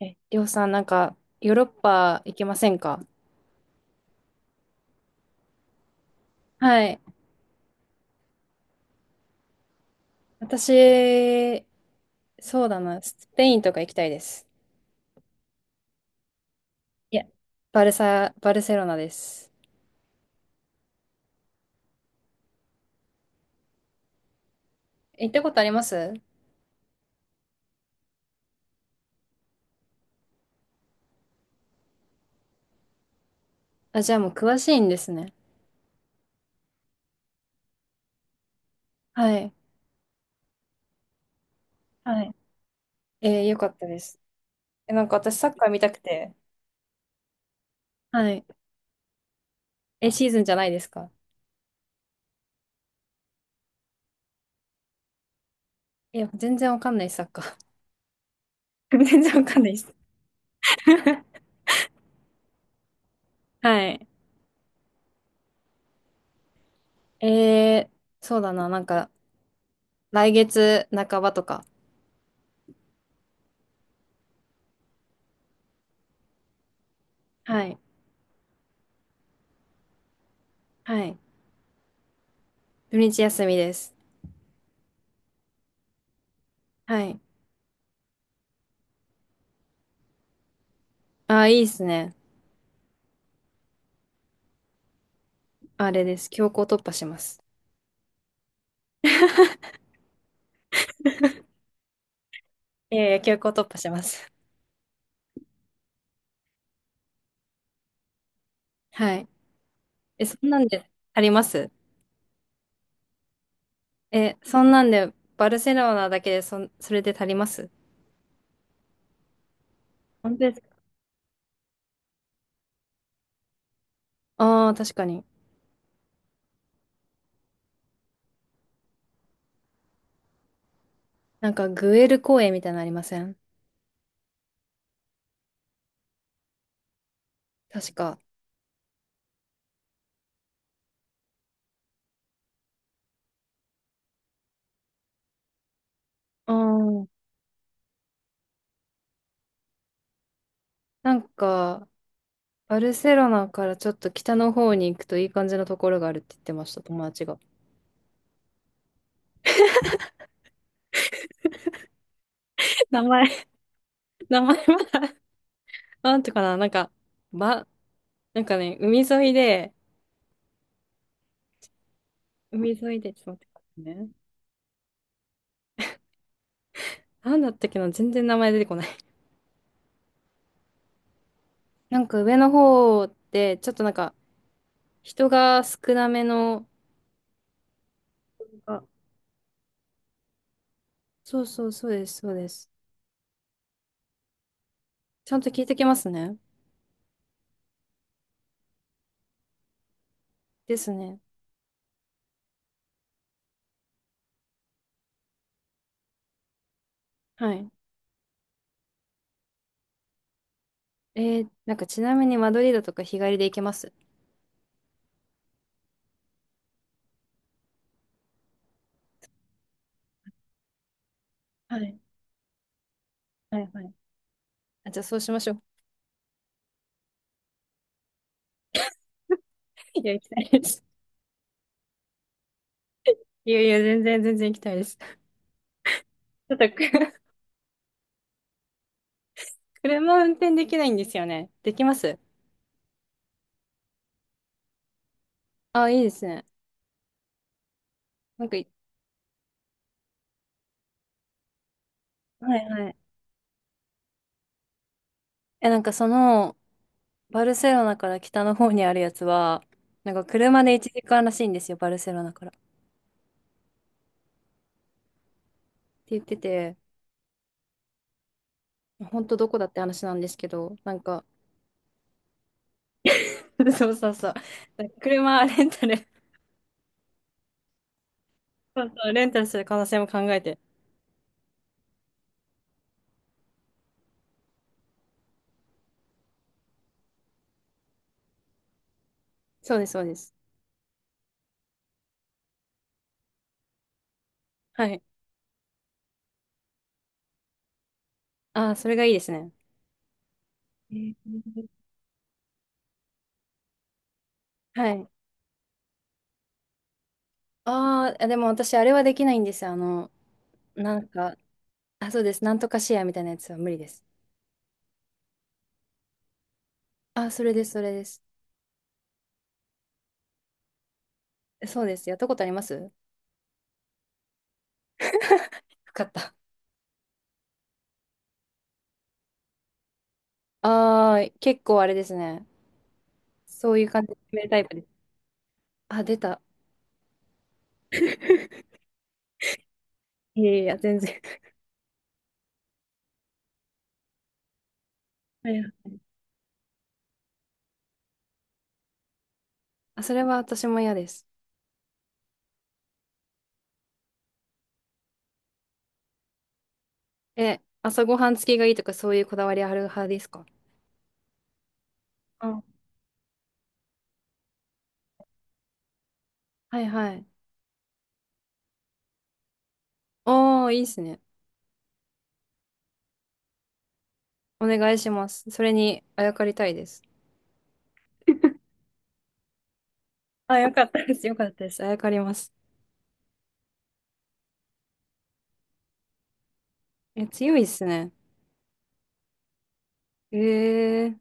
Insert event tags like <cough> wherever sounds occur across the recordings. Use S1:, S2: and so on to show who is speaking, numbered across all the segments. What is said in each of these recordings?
S1: え、りょうさん、なんか、ヨーロッパ行けませんか？はい。私、そうだな。スペインとか行きたいです。いや、バルサ、バルセロナです。行ったことあります？あ、じゃあもう詳しいんですね。はい。はい。よかったです。え、なんか私サッカー見たくて。はい。え、シーズンじゃないですか？いや、全然わかんない、サッカー。<laughs> 全然わかんないです。<laughs> はい。えー、そうだな、なんか、来月半ばとか、はい。はい。土日休みです。はい。ああ、いいですね。あれです。強行突破します。いやいや、強行突破します。<laughs> はい。え、そんなんで足ります？え、そんなんで、バルセロナだけでそれで足ります？本当ですか？ああー、確かに。なんか、グエル公園みたいなのありません？確か。うん。なんか、バルセロナからちょっと北の方に行くといい感じのところがあるって言ってました、友達が。<laughs> 名前、名前は、なんていうかな、なんか、ば、なんかね、海沿いで、海沿いで、ちょっと待ってね。なんだったっけな、全然名前出てこない。<laughs> なんか上の方って、ちょっとなんか人が少なめの、あそうそうそうです、そうです。ちゃんと聞いてきますね。ですね。はい。なんかちなみにマドリードとか日帰りで行けます？はい。はいはい。あ、じゃあそうしましょう。<laughs> いや、行きたいです。いやいや、全然全然行きたいです。ちょっとく <laughs> 車運転できないんですよね。できます？あ、いいですね。なんかい、はいはい。え、なんかその、バルセロナから北の方にあるやつは、なんか車で1時間らしいんですよ、バルセロナから。って言ってて、本当どこだって話なんですけど、なんか、<laughs> そうそうそう。なんか車レンタル、<laughs> そうそう、レンタルする可能性も考えて。そうです、そうです。はい。ああ、それがいいですね。えーはい。ああ、でも私、あれはできないんですよ。あの、なんか、あ、そうです。なんとかシェアみたいなやつは無理です。あ、それです、それです。そうです。やったことありますよ？かった。ああ、結構あれですね。そういう感じで決めるタイプです。あ、出た。いやいや、全然。はいはい、あ、それは私も嫌です。え、朝ごはん付きがいいとかそういうこだわりある派ですか？あ、はいはい。おー、いいですね。お願いします。それにあやかりたいです。あ、よかったです。よかったです。あやかります。え、強いですね。えー、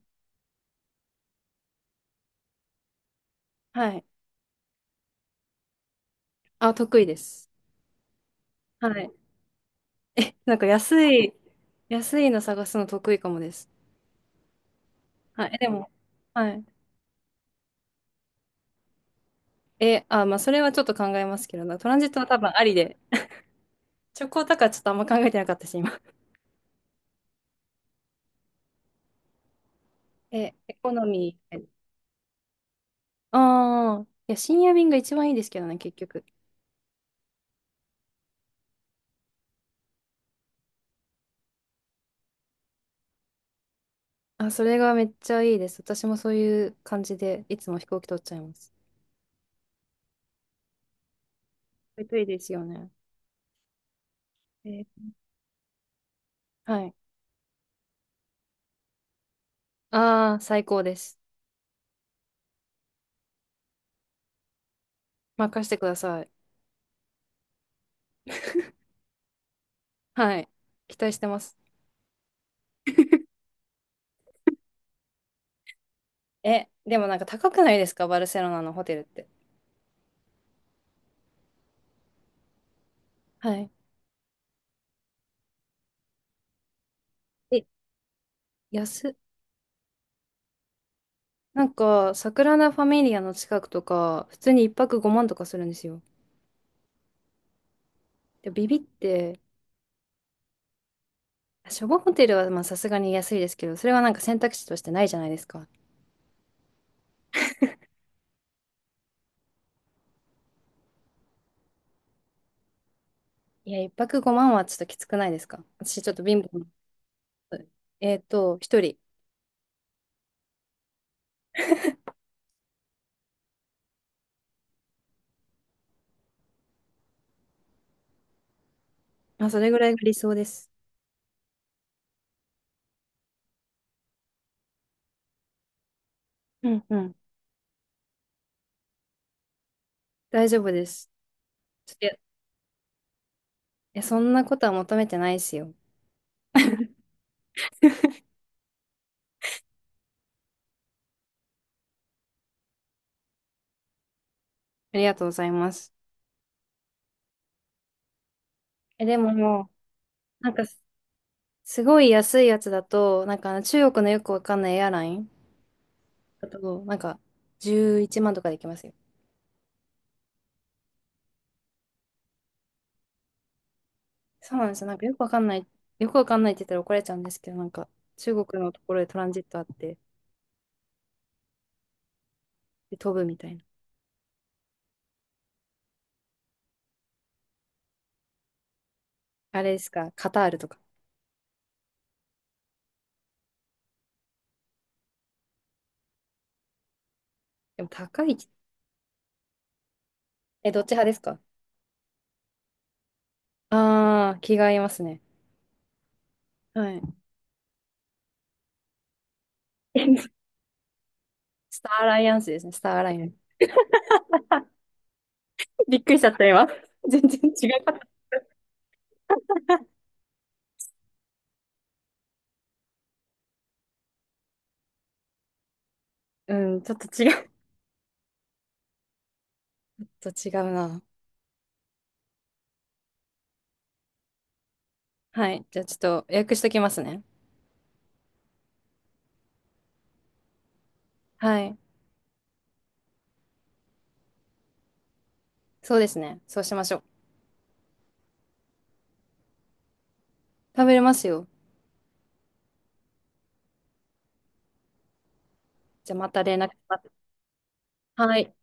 S1: はい。あ、得意です。はい。え、なんか安い、安いの探すの得意かもです。はい。えでも、はい。え、あ、まあ、それはちょっと考えますけどな。トランジットは多分ありで。チョコだからちょっとあんま考えてなかったし、今。え、エコノミー。ああ、いや、深夜便が一番いいですけどね、結局。あ、それがめっちゃいいです。私もそういう感じで、いつも飛行機取っちゃいます。これといいですよね。えーはい。ああ、最高です。任せてください。はい。期待してます。え、でもなんか高くないですかバルセロナのホテルって？はい。え、安っ。なんか、サグラダ・ファミリアの近くとか、普通に一泊5万とかするんですよ。で、ビビって、初号ホテルはまあさすがに安いですけど、それはなんか選択肢としてないじゃないですか。いや、一泊5万はちょっときつくないですか？私ちょっと貧乏なので。えっと、一人。まあ、それぐらいが理想です。うんうん。大丈夫です。ちょっと、いやそんなことは求めてないですよ。ありがとうございます。え、でももう、なんか、すごい安いやつだと、なんかあの中国のよくわかんないエアラインだと、なんか、11万とかできますよ。そうなんですよ。なんかよくわかんない、よくわかんないって言ったら怒られちゃうんですけど、なんか中国のところでトランジットあって、で飛ぶみたいな。あれですか、カタールとか。でも高い。え、どっち派ですか？ああー、気が合いますね。はい。<laughs> スターアライアンスですね、スターアライアンス。<laughs> びっくりしちゃった今。全然違うかった。うん、ちょっと違う。ちょっと違うな。はい。じゃあちょっと予約しときますね。はい。そうですね。そうしましょう。食べれますよ。じゃあまた連絡します。はい。